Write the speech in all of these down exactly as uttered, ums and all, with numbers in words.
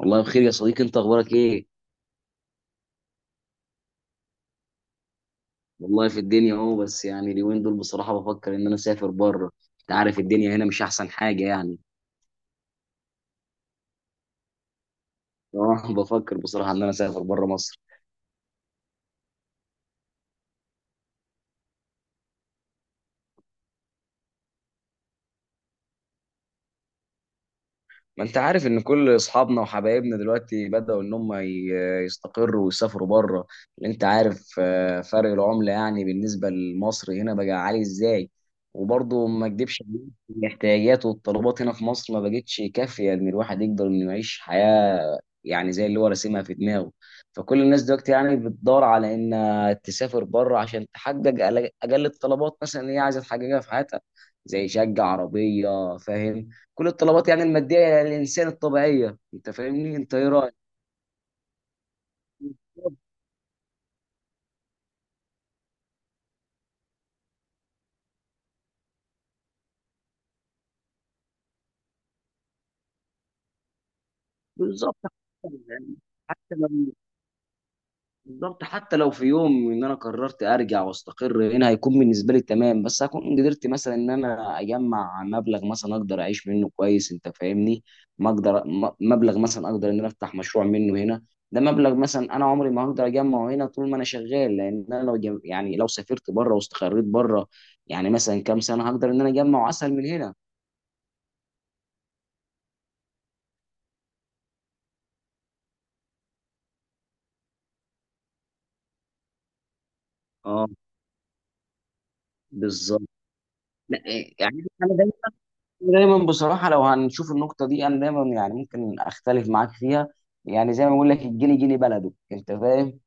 والله بخير يا صديقي، انت اخبارك ايه؟ والله في الدنيا اهو، بس يعني اليومين دول بصراحه بفكر ان انا اسافر بره. انت عارف الدنيا هنا مش احسن حاجه يعني. اه بفكر بصراحه ان انا اسافر بره مصر. ما انت عارف ان كل اصحابنا وحبايبنا دلوقتي بدأوا ان هم ي- يستقروا ويسافروا بره. اللي انت عارف آه، فرق العملة يعني بالنسبة لمصر هنا بقى عالي ازاي، وبرضه ما اكدبش عليك، الاحتياجات والطلبات هنا في مصر ما بقتش كافية ان الواحد يقدر انه يعيش حياة يعني زي اللي هو راسمها في دماغه. فكل الناس دلوقتي يعني بتدور على ان تسافر بره عشان تحقق اقل أقل الطلبات مثلا اللي هي عايزة تحققها في حياتها، زي شقة، عربية، فاهم؟ كل الطلبات يعني المادية، يعني الإنسان الطبيعية، أنت فاهمني، أنت إيه رأيك؟ بالظبط. يعني حتى لو، بالظبط حتى لو في يوم ان انا قررت ارجع واستقر هنا هيكون بالنسبه لي تمام، بس هكون قدرت مثلا ان انا اجمع مبلغ مثلا اقدر اعيش منه كويس، انت فاهمني؟ ما اقدر م- مبلغ مثلا اقدر ان انا افتح مشروع منه هنا. ده مبلغ مثلا انا عمري ما هقدر اجمعه هنا طول ما انا شغال، لان انا لو جم... يعني لو سافرت بره واستقريت بره، يعني مثلا كام سنه هقدر ان انا اجمعه اسهل من هنا. اه بالظبط. لا، إيه، يعني انا دايما، دايما بصراحه لو هنشوف النقطه دي انا دايما يعني ممكن اختلف معاك فيها. يعني زي ما بقول لك، الجني جني بلده، انت فاهم؟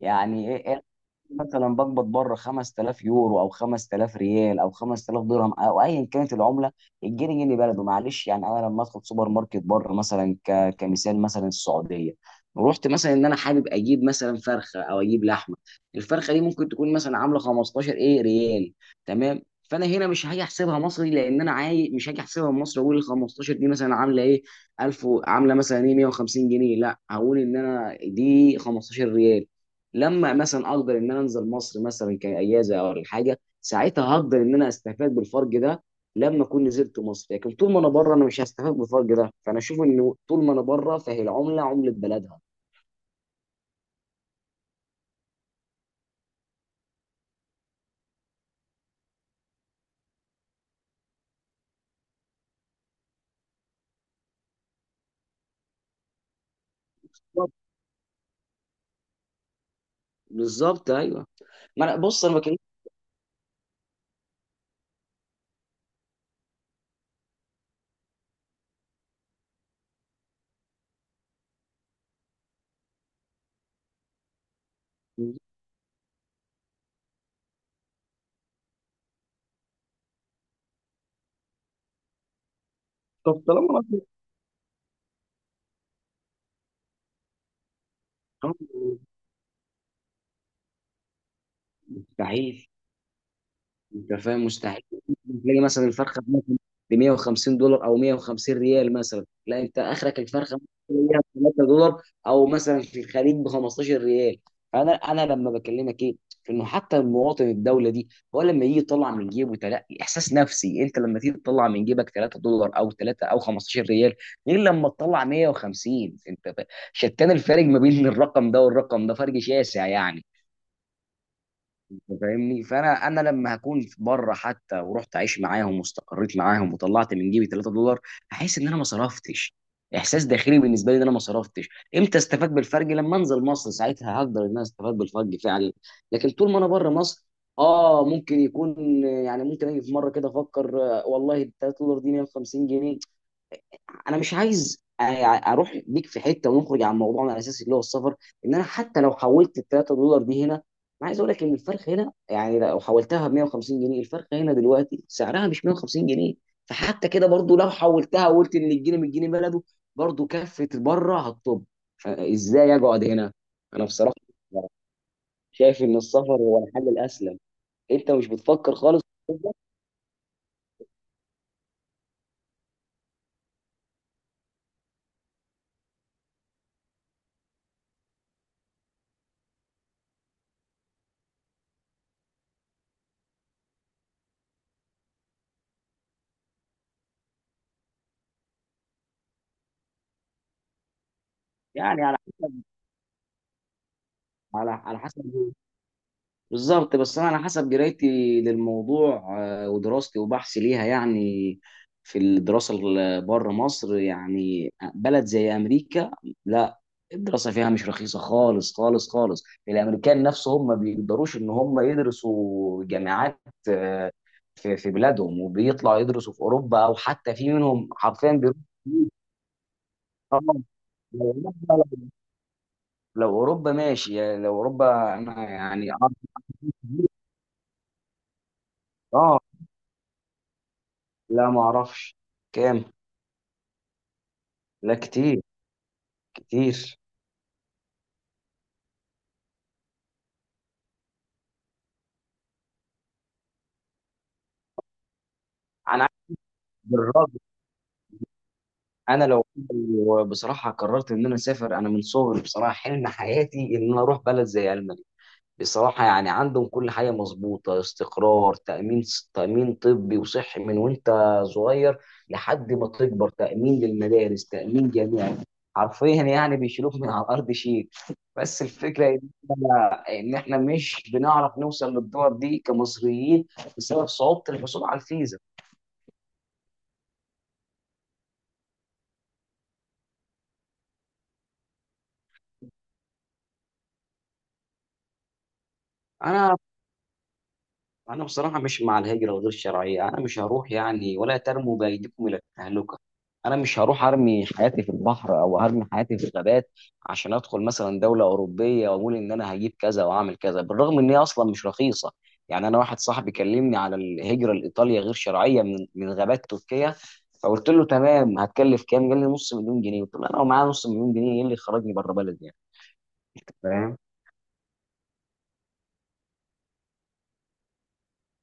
يعني ايه، مثلا بقبض بره خمسة آلاف يورو او خمسة آلاف ريال او خمسة آلاف درهم او ايا كانت العمله، الجنيه جنيه بلده، معلش. يعني انا لما ادخل سوبر ماركت بره مثلا، ك... كمثال مثلا السعوديه، رحت مثلا ان انا حابب اجيب مثلا فرخه او اجيب لحمه، الفرخه دي ممكن تكون مثلا عامله خمستاشر ايه ريال، تمام؟ فانا هنا مش هاجي احسبها مصري، لان انا عاي... مش هاجي احسبها مصري اقول ال خمستاشر دي مثلا عامله ايه، ألف و- عامله مثلا ايه مئة وخمسين جنيه، لا هقول ان انا دي خمسة عشر ريال. لما مثلا اقدر ان انا انزل مصر مثلا كاجازه او الحاجه، ساعتها هقدر ان انا استفاد بالفرق ده، لما اكون نزلت مصر. لكن طول ما انا بره انا مش هستفاد بالفرق ده، فانا اشوف انه طول ما انا بره فهي العمله عمله بلدها. بالظبط، بالظبط، ايوه. ما انا بص انا ما كانش. طب طالما، أنا- مستحيل. انت فاهم، مستحيل تلاقي مثلا الفرخه ب مئة وخمسين دولار او مئة وخمسين ريال مثلا، لا، انت اخرك الفرخه ممكن تلاقيها ب ثلاثة دولار او مثلا في الخليج ب خمستاشر ريال. فانا انا لما بكلمك ايه، في انه حتى المواطن الدوله دي هو لما يجي يطلع من جيبه تلاقي احساس نفسي، انت لما تيجي تطلع من جيبك ثلاثة دولار او ثلاثة او خمستاشر ريال، غير لما تطلع مية وخمسين. انت ف- شتان الفارق ما بين الرقم ده والرقم ده، فرق شاسع يعني، انت فاهمني. فانا انا لما هكون بره حتى ورحت اعيش معاهم واستقريت معاهم وطلعت من جيبي ثلاثة دولار، هحس ان انا ما صرفتش، احساس داخلي بالنسبه لي ان انا ما صرفتش. امتى استفاد بالفرق؟ لما انزل مصر، ساعتها هقدر ان انا استفاد بالفرق فعلا. لكن طول ما انا بره مصر، اه ممكن يكون يعني ممكن اجي في مره كده افكر، آه، والله ال ثلاثة دولار دي مية وخمسين جنيه. انا مش عايز أ- يعني اروح بيك في حته ونخرج عن موضوعنا الاساسي اللي هو السفر، ان انا حتى لو حولت ال ثلاثة دولار دي هنا، انا عايز اقول لك ان الفرق هنا، يعني لو حولتها ب مئة وخمسين جنيه، الفرق هنا دلوقتي سعرها مش مية وخمسين جنيه. فحتى كده برضو لو حولتها وقلت ان الجنيه من الجنيه بلده، برضو كفه بره هتطب، فازاي اقعد هنا؟ انا بصراحه شايف ان السفر هو الحل الاسلم. انت مش بتفكر خالص؟ يعني على حسب. على على حسب، بالظبط، بس انا على حسب قرايتي للموضوع آه، ودراستي وبحثي ليها، يعني في الدراسه ال- بره مصر يعني، آه، بلد زي امريكا، لا، الدراسه فيها مش رخيصه خالص خالص خالص. الامريكان نفسهم ما بيقدروش ان هم يدرسوا جامعات آه، في في بلادهم، وبيطلعوا يدرسوا في اوروبا، او حتى في منهم حرفيا بيروحوا. آه، لو أوروبا، لو أوروبا ماشي، يعني لو اوروبا انا يعني اه. آه، لا ما اعرفش. كام؟ لا كتير، كتير. انا عايز بالراجل، انا لو بصراحه قررت ان انا اسافر، انا من صغري بصراحه حلم حياتي ان انا اروح بلد زي المانيا. بصراحه يعني عندهم كل حاجه مظبوطه، استقرار، تامين، تامين طبي وصحي من وانت صغير لحد ما تكبر، تامين للمدارس، تامين جامعي، حرفيا يعني بيشيلوك من على الارض شيء. بس الفكره ان احنا، إن إحنا مش بنعرف نوصل للدول دي كمصريين بسبب صعوبه الحصول على الفيزا. انا انا بصراحه مش مع الهجره الغير شرعيه، انا مش هروح يعني، ولا ترموا بايديكم الى التهلكه. انا مش هروح ارمي حياتي في البحر او ارمي حياتي في الغابات عشان ادخل مثلا دوله اوروبيه، واقول ان انا هجيب كذا واعمل كذا، بالرغم ان هي اصلا مش رخيصه. يعني انا واحد صاحبي كلمني على الهجره لايطاليا غير شرعيه من من غابات تركيا، فقلت له تمام هتكلف كام، قال لي نص مليون جنيه، قلت له انا ومعايا نص مليون جنيه ايه اللي يخرجني بره بلدي يعني. فاهم.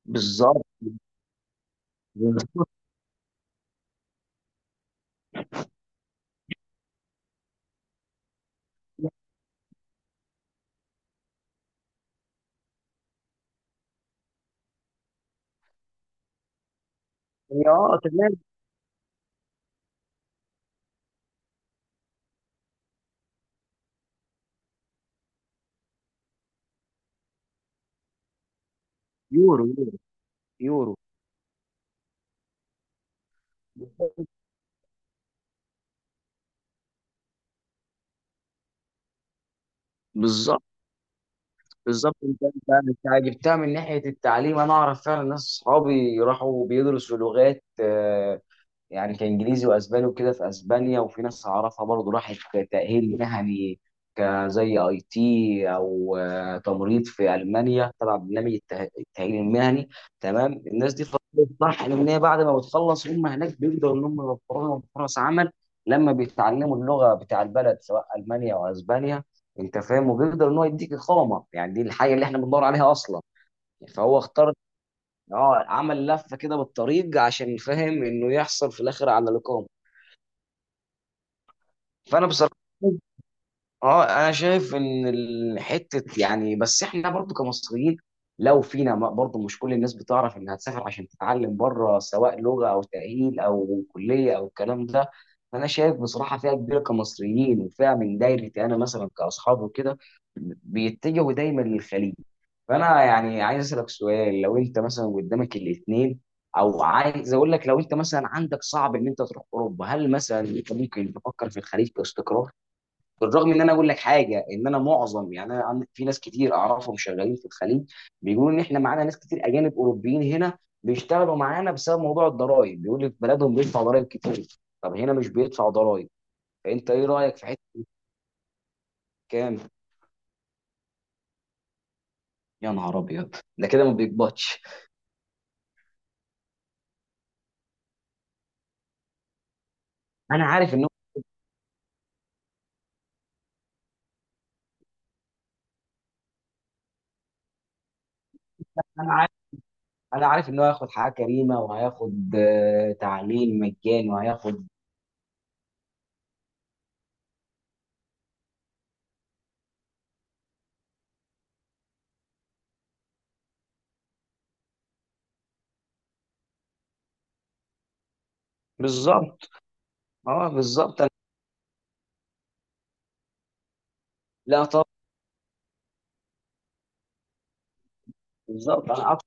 بالظبط بالظبط. اه تمام. يورو. يورو. بالظبط. بالظبط، انت انت انت جبتها من ناحيه التعليم. انا اعرف فعلا ناس اصحابي راحوا بيدرسوا لغات، آه، يعني كانجليزي واسباني وكده في اسبانيا، وفي ناس اعرفها برضه راحت تاهيل مهني كزي اي تي، او آه، تمريض في المانيا تبع برنامج الته- التاهيل المهني. تمام، الناس دي فضلت صح ان هي بعد ما بتخلص هم هناك بيقدروا ان هم يوفروا لهم فرص عمل لما بيتعلموا اللغه بتاع البلد سواء المانيا او اسبانيا، انت فاهم، وبيقدر ان هو يديك اقامه، يعني دي الحاجه اللي احنا بندور عليها اصلا. فهو اختار، اه، عمل لفه كده بالطريق عشان فاهم انه يحصل في الاخر على الاقامه. فانا بصراحه اه انا شايف ان الحته يعني، بس احنا برضو كمصريين لو فينا ما- برضو مش كل الناس بتعرف انها تسافر عشان تتعلم بره سواء لغه او تاهيل او كليه او الكلام ده. فانا شايف بصراحه فئه كبيره كمصريين وفئه من دايرتي انا مثلا كاصحابي وكده بيتجهوا دايما للخليج. فانا يعني عايز اسالك سؤال، لو انت مثلا قدامك الاثنين، او عايز اقول لك لو انت مثلا عندك صعب ان انت تروح اوروبا، هل مثلا انت ممكن تفكر في الخليج باستقرار؟ بالرغم ان انا اقول لك حاجه، ان انا معظم يعني انا عندي- في ناس كتير اعرفهم شغالين في الخليج، بيقولوا ان احنا معانا ناس كتير اجانب اوروبيين هنا بيشتغلوا معانا بسبب موضوع الضرائب، بيقول لك بلدهم بيدفع ضرائب كتير، طب هنا مش بيدفع ضرائب. فانت ايه رايك في حته؟ كام؟ يا نهار ابيض، ده كده ما بيقبضش. انا عارف ان هو، انا عارف انا عارف ان هو هياخد حياه كريمه، وهياخد آه، تعليم مجاني، وهياخد. بالظبط. اه بالظبط. أنا- لا طب، بالظبط. انا،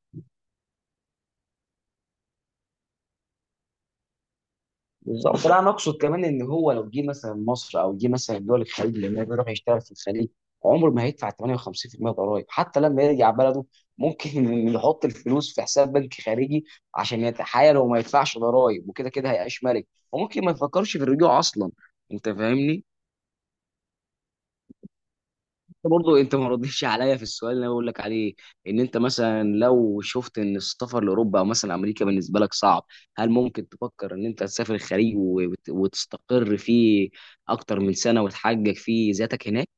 بالظبط، لا انا اقصد كمان ان هو لو جه مثلا مصر او جه مثلا دول الخليج، لان هو بيروح يشتغل في الخليج، عمره ما هيدفع ثمانية وخمسين في المية ضرائب، حتى لما يرجع بلده ممكن يحط الفلوس في حساب بنك خارجي عشان يتحايل وما يدفعش ضرائب، وكده كده هيعيش ملك، وممكن ما يفكرش في الرجوع اصلا، انت فاهمني. برضه انت ما ردتش عليا في السؤال اللي انا بقول لك عليه، ان انت مثلا لو شفت ان السفر لاوروبا او مثلا امريكا بالنسبه لك صعب، هل ممكن تفكر ان انت تسافر الخليج وت- وتستقر فيه اكتر من سنه وتحقق فيه ذاتك هناك؟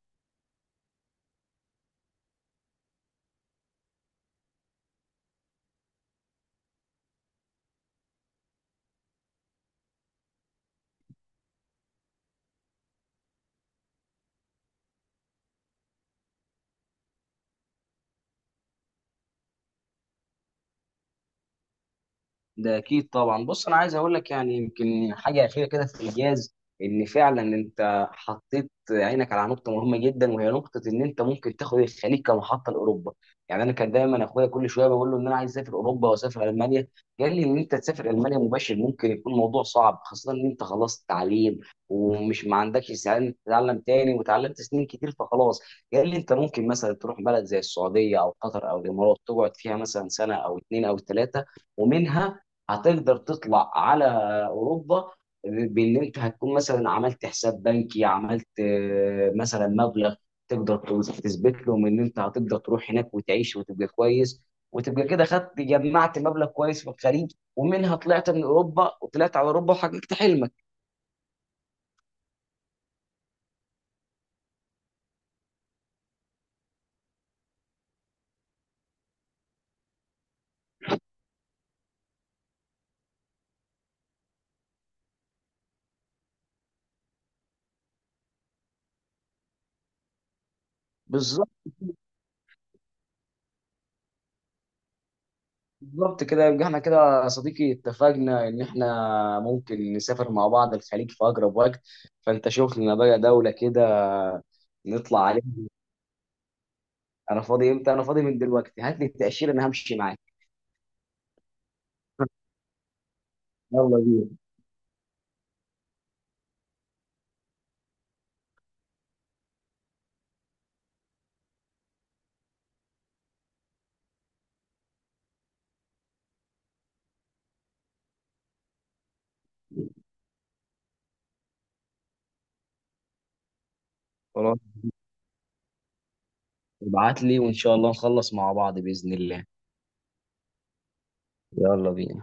ده اكيد طبعا. بص، انا عايز اقول لك يعني يمكن حاجه اخيره كده في الانجاز، ان فعلا انت حطيت عينك على نقطه مهمه جدا، وهي نقطه ان انت ممكن تاخد الخليج كمحطه لاوروبا. يعني انا كان دايما اخويا كل شويه بقول له ان انا عايز اسافر اوروبا واسافر المانيا، قال لي ان انت تسافر المانيا مباشر ممكن يكون الموضوع صعب، خاصه ان انت خلصت تعليم ومش ما عندكش استعداد إنك تتعلم تاني، وتعلمت سنين كتير فخلاص. قال لي انت ممكن مثلا تروح بلد زي السعوديه او قطر او الامارات، تقعد فيها مثلا سنه او اتنين او تلاته، ومنها هتقدر تطلع على اوروبا، بان انت هتكون مثلا عملت حساب بنكي، عملت آه، مثلا مبلغ تقدر تثبت لهم ان انت هتقدر تروح هناك وتعيش وتبقى كويس، وتبقى كده خدت جمعت مبلغ كويس في الخليج، ومنها طلعت من اوروبا وطلعت على اوروبا وحققت حلمك. بالظبط. بالظبط، كده يبقى احنا كده يا صديقي اتفقنا ان احنا ممكن نسافر مع بعض الخليج في اقرب وقت. فانت شوف لنا بقى دولة كده نطلع عليها. انا فاضي امتى؟ انا فاضي من دلوقتي، هات لي التاشيره انا همشي معاك. يلا بينا. خلاص، ابعت لي وان شاء الله نخلص مع بعض باذن الله. يلا بينا.